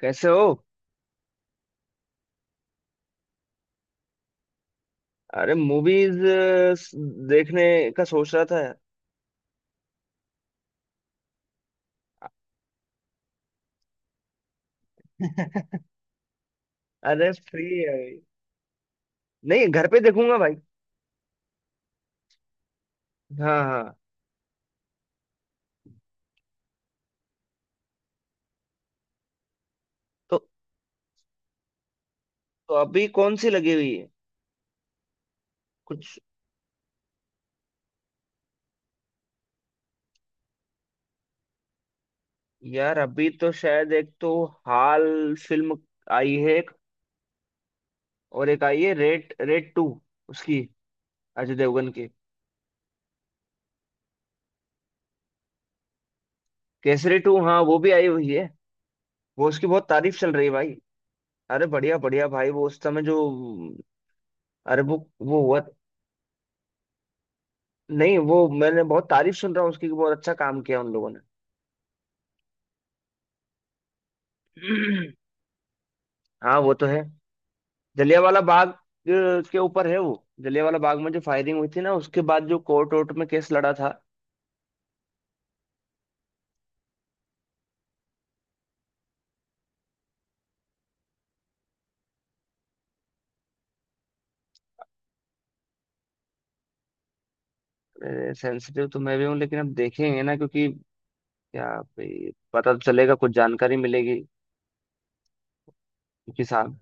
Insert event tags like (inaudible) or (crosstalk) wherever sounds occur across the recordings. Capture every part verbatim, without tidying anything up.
कैसे हो? अरे मूवीज देखने का सोच रहा था यार। अरे, फ्री है भाई। नहीं, घर पे देखूंगा भाई। हाँ, हाँ। तो, तो अभी कौन सी लगी हुई है? कुछ। यार, अभी तो शायद एक तो हाल फिल्म आई है, एक और एक आई है रेड रेड टू, उसकी, अजय देवगन की। केसरी टू, हाँ वो भी आई हुई है। वो उसकी बहुत तारीफ चल रही है भाई। अरे, बढ़िया बढ़िया भाई। वो उस समय जो, अरे वो वो हुआ। नहीं वो, मैंने बहुत तारीफ सुन रहा हूँ उसकी कि बहुत अच्छा काम किया उन लोगों ने। हाँ, वो तो है। जलियांवाला बाग अ, के ऊपर है वो। जलियांवाला बाग में जो फायरिंग हुई थी ना, उसके बाद जो कोर्ट वोर्ट में केस लड़ा था। सेंसिटिव तो मैं भी हूँ, लेकिन अब देखेंगे ना क्योंकि क्या भाई, पता तो चलेगा, कुछ जानकारी मिलेगी। क्योंकि साहब।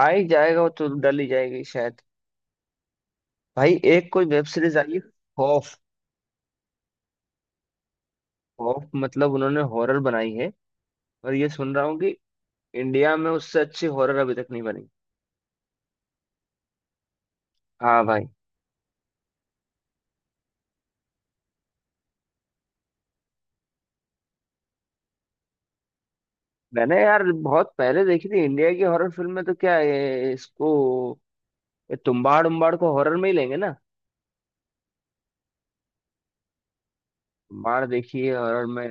आ ही जाएगा, वो तो डल ही जाएगी शायद। भाई, एक कोई वेब सीरीज आई है, खौफ। खौफ मतलब उन्होंने हॉरर बनाई है। और ये सुन रहा हूँ कि इंडिया में उससे अच्छी हॉरर अभी तक नहीं बनी। हाँ भाई। मैंने यार बहुत पहले देखी थी इंडिया की हॉरर फिल्म में। तो क्या है इसको, ये तुम्बाड़ उम्बाड़ को हॉरर में ही लेंगे ना? तुम्बाड़ देखिए हॉरर में।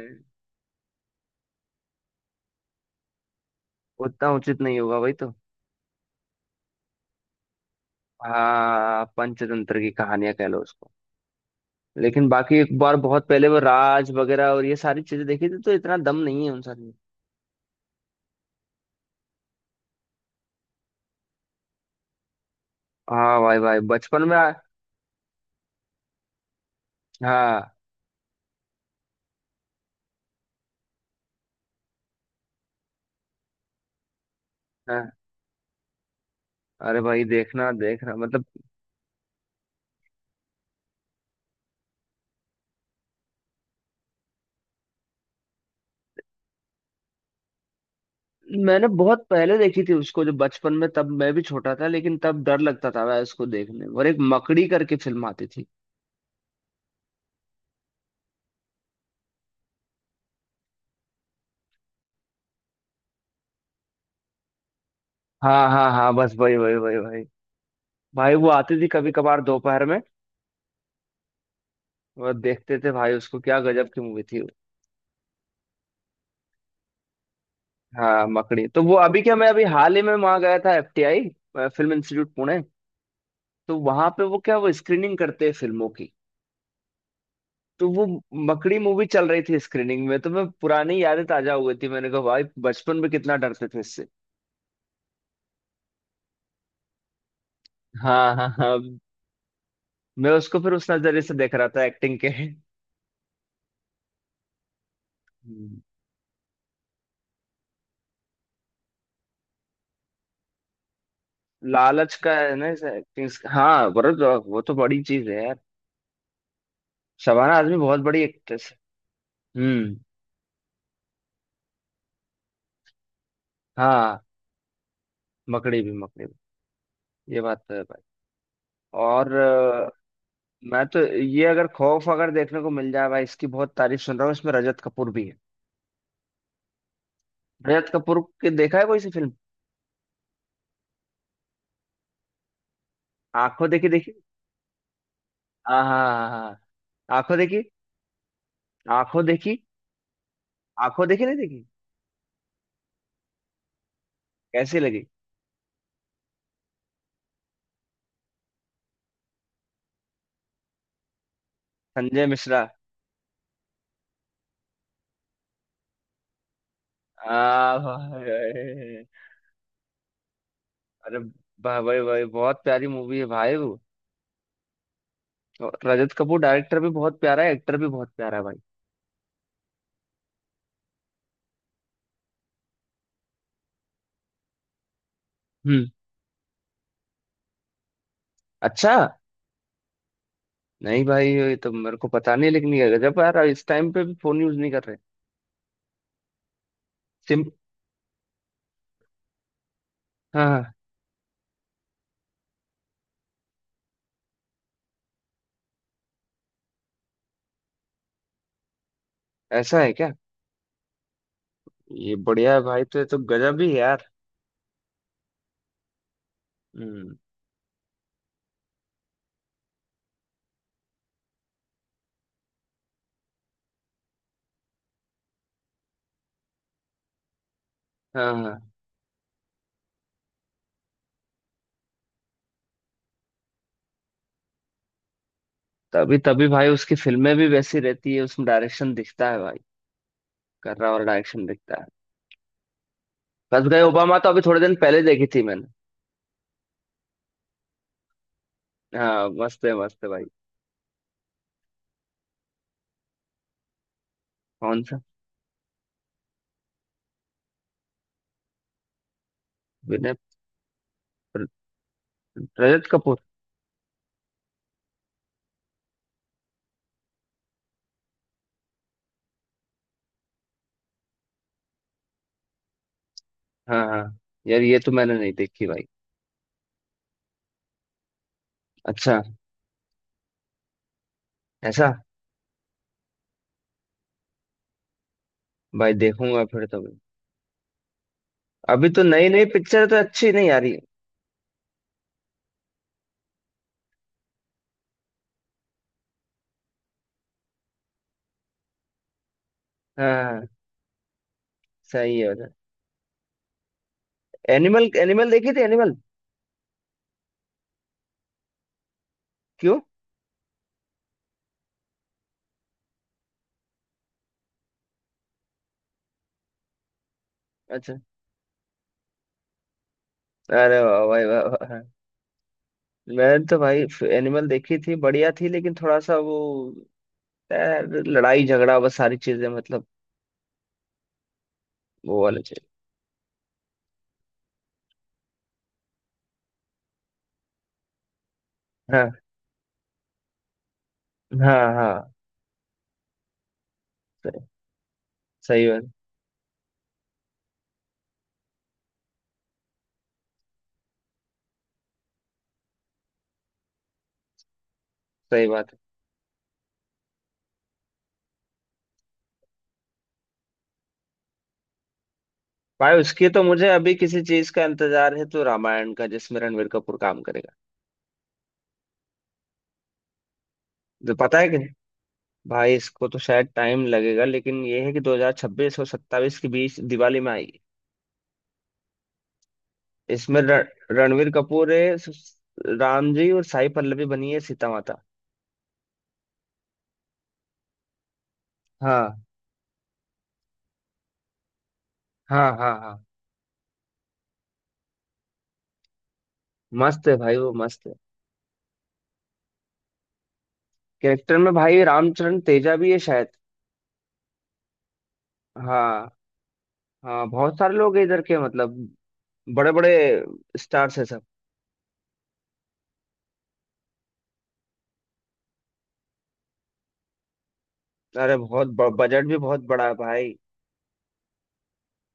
उतना उचित नहीं होगा भाई, तो। हाँ, पंचतंत्र की कहानियां कह लो उसको। लेकिन बाकी एक बार बहुत पहले वो राज वगैरह और ये सारी चीजें देखी थी, तो इतना दम नहीं है उन सारी में। हाँ, भाई भाई, बचपन में आ- हाँ, हाँ। अरे भाई, देखना देखना मतलब। मैंने बहुत पहले देखी थी उसको, जब बचपन में तब मैं भी छोटा था। लेकिन तब डर लगता था मैं उसको देखने में। और एक मकड़ी करके फिल्म आती थी। हाँ, हाँ, हाँ, बस वही वही वही वही। भाई वो आती थी कभी कभार दोपहर में। वो देखते थे भाई उसको, क्या गजब की मूवी थी वो। हाँ, मकड़ी तो वो। अभी क्या, मैं अभी हाल ही में वहां गया था, F T I film institute Pune. तो वहां पे वो क्या, वो स्क्रीनिंग करते हैं फिल्मों की। तो वो मकड़ी मूवी चल रही थी स्क्रीनिंग में। तो मैं, पुरानी यादें ताजा हो गई थी, मैंने कहा भाई, बचपन में कितना डरते थे इससे। हाँ, हाँ, हाँ। मैं उसको फिर उस नजरिए से देख रहा था, एक्टिंग के। हम्म, लालच का है ना, इस एक्टिंग। हाँ, बरबर, वो तो बड़ी चीज है यार। शबाना आजमी बहुत बड़ी एक्ट्रेस है। हम्म। हाँ, मकड़ी भी, मकड़ी भी। ये बात तो है भाई। और अ, मैं तो ये, अगर खौफ अगर देखने को मिल जाए भाई, इसकी बहुत तारीफ सुन रहा हूँ। इसमें रजत कपूर भी है। रजत कपूर के देखा है कोई सी फिल्म? आंखों देखी देखी? हाँ, हाँ, हाँ। आंखों देखी। आंखों देखी। आंखों देखी नहीं देखी? कैसी लगी? संजय मिश्रा। आ भाई। अरे भाई, भाई, भाई, बहुत प्यारी मूवी है भाई वो। और रजत कपूर डायरेक्टर भी बहुत प्यारा है, एक्टर भी बहुत प्यारा है भाई। हम्म। अच्छा। नहीं भाई, ये तो मेरे को पता नहीं। लेकिन ये गजब है यार, इस टाइम पे भी फोन यूज नहीं कर रहे। सिम। हाँ, हाँ। ऐसा है क्या? ये बढ़िया है भाई, तो ये तो गजब ही है यार। हम्म। हाँ, हाँ। तभी तभी भाई, उसकी फिल्में भी वैसी रहती है, उसमें डायरेक्शन दिखता है भाई। कर रहा, और डायरेक्शन दिखता है। फंस गए ओबामा तो अभी थोड़े दिन पहले देखी थी मैंने। हाँ, मस्त है मस्त है भाई। कौन सा? विनय। रजत कपूर। हाँ, हाँ। यार, ये तो मैंने नहीं देखी भाई। अच्छा। ऐसा। भाई देखूंगा फिर तो मैं। अभी तो नई नई पिक्चर तो अच्छी नहीं आ रही। हाँ, हाँ, सही है। एनिमल, एनिमल देखी थी एनिमल। क्यों? अच्छा। अरे वाह भाई, वाह वाह वाह। मैंने तो भाई एनिमल देखी थी, बढ़िया थी, लेकिन थोड़ा सा वो, यार, लड़ाई झगड़ा बस सारी चीजें मतलब, वो वाले चीज। हाँ, हाँ, हाँ। सही। सही बात। सही बात है। भाई, उसकी तो मुझे अभी किसी चीज का इंतजार है, तो रामायण का, जिसमें रणवीर कपूर काम करेगा। जो पता है कि, भाई इसको तो शायद टाइम लगेगा, लेकिन ये है कि दो हज़ार छब्बीस और सत्ताइस के बीच दिवाली में आएगी। इसमें रण, रणवीर कपूर है स- राम जी, और साई पल्लवी बनी है सीता माता। हाँ, हाँ, हाँ, हाँ। मस्त है भाई वो, मस्त है। कैरेक्टर में भाई रामचरण तेजा भी है शायद। हाँ, हाँ, बहुत सारे लोग हैं इधर के मतलब, बड़े बड़े स्टार्स है सब। अरे बहुत, बजट भी बहुत बड़ा है भाई।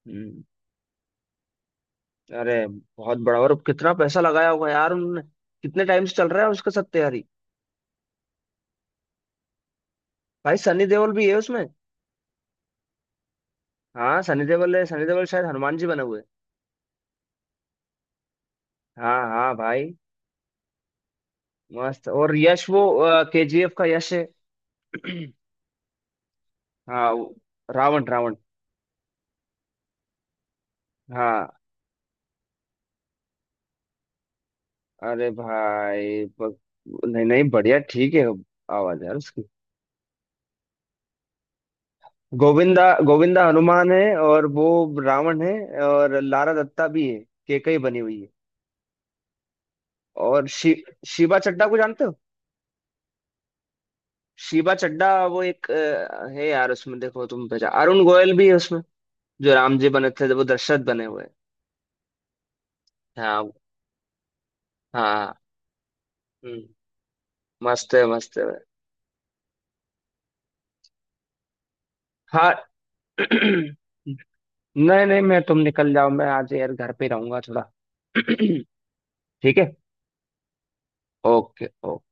हम्म। अरे बहुत बड़ा, और कितना पैसा लगाया होगा यार उन्होंने। कितने टाइम से चल रहा है उसका सत्यारी। भाई सनी देओल भी है उसमें। हाँ, सनी देओल है, सनी देओल शायद हनुमान जी बने हुए हैं। हाँ, हाँ भाई। मस्त, और यश, वो के जी एफ का यश है। (clears throat) हाँ वो- रावण, रावण। हाँ। अरे भाई ब- नहीं, नहीं, बढ़िया ठीक है। आवाज यार उसकी। गोविंदा। गोविंदा हनुमान है और वो रावण है। और लारा दत्ता भी है, केकई बनी हुई है। और शि, शिवा चड्ढा को जानते हो? शिवा चड्ढा वो एक अ, है यार, उसमें देखो तुम पहचान, अरुण गोयल भी है। जो राम जी बने थे, जब वो दशरथ बने हुए हैं। हाँ, हाँ। हम्म, मस्त है मस्त है भाई। हाँ। (clears throat) नहीं, नहीं, मैं, तुम निकल जाओ, मैं आज यार घर पे रहूंगा थोड़ा। (clears throat) ठीक है। Okay, okay.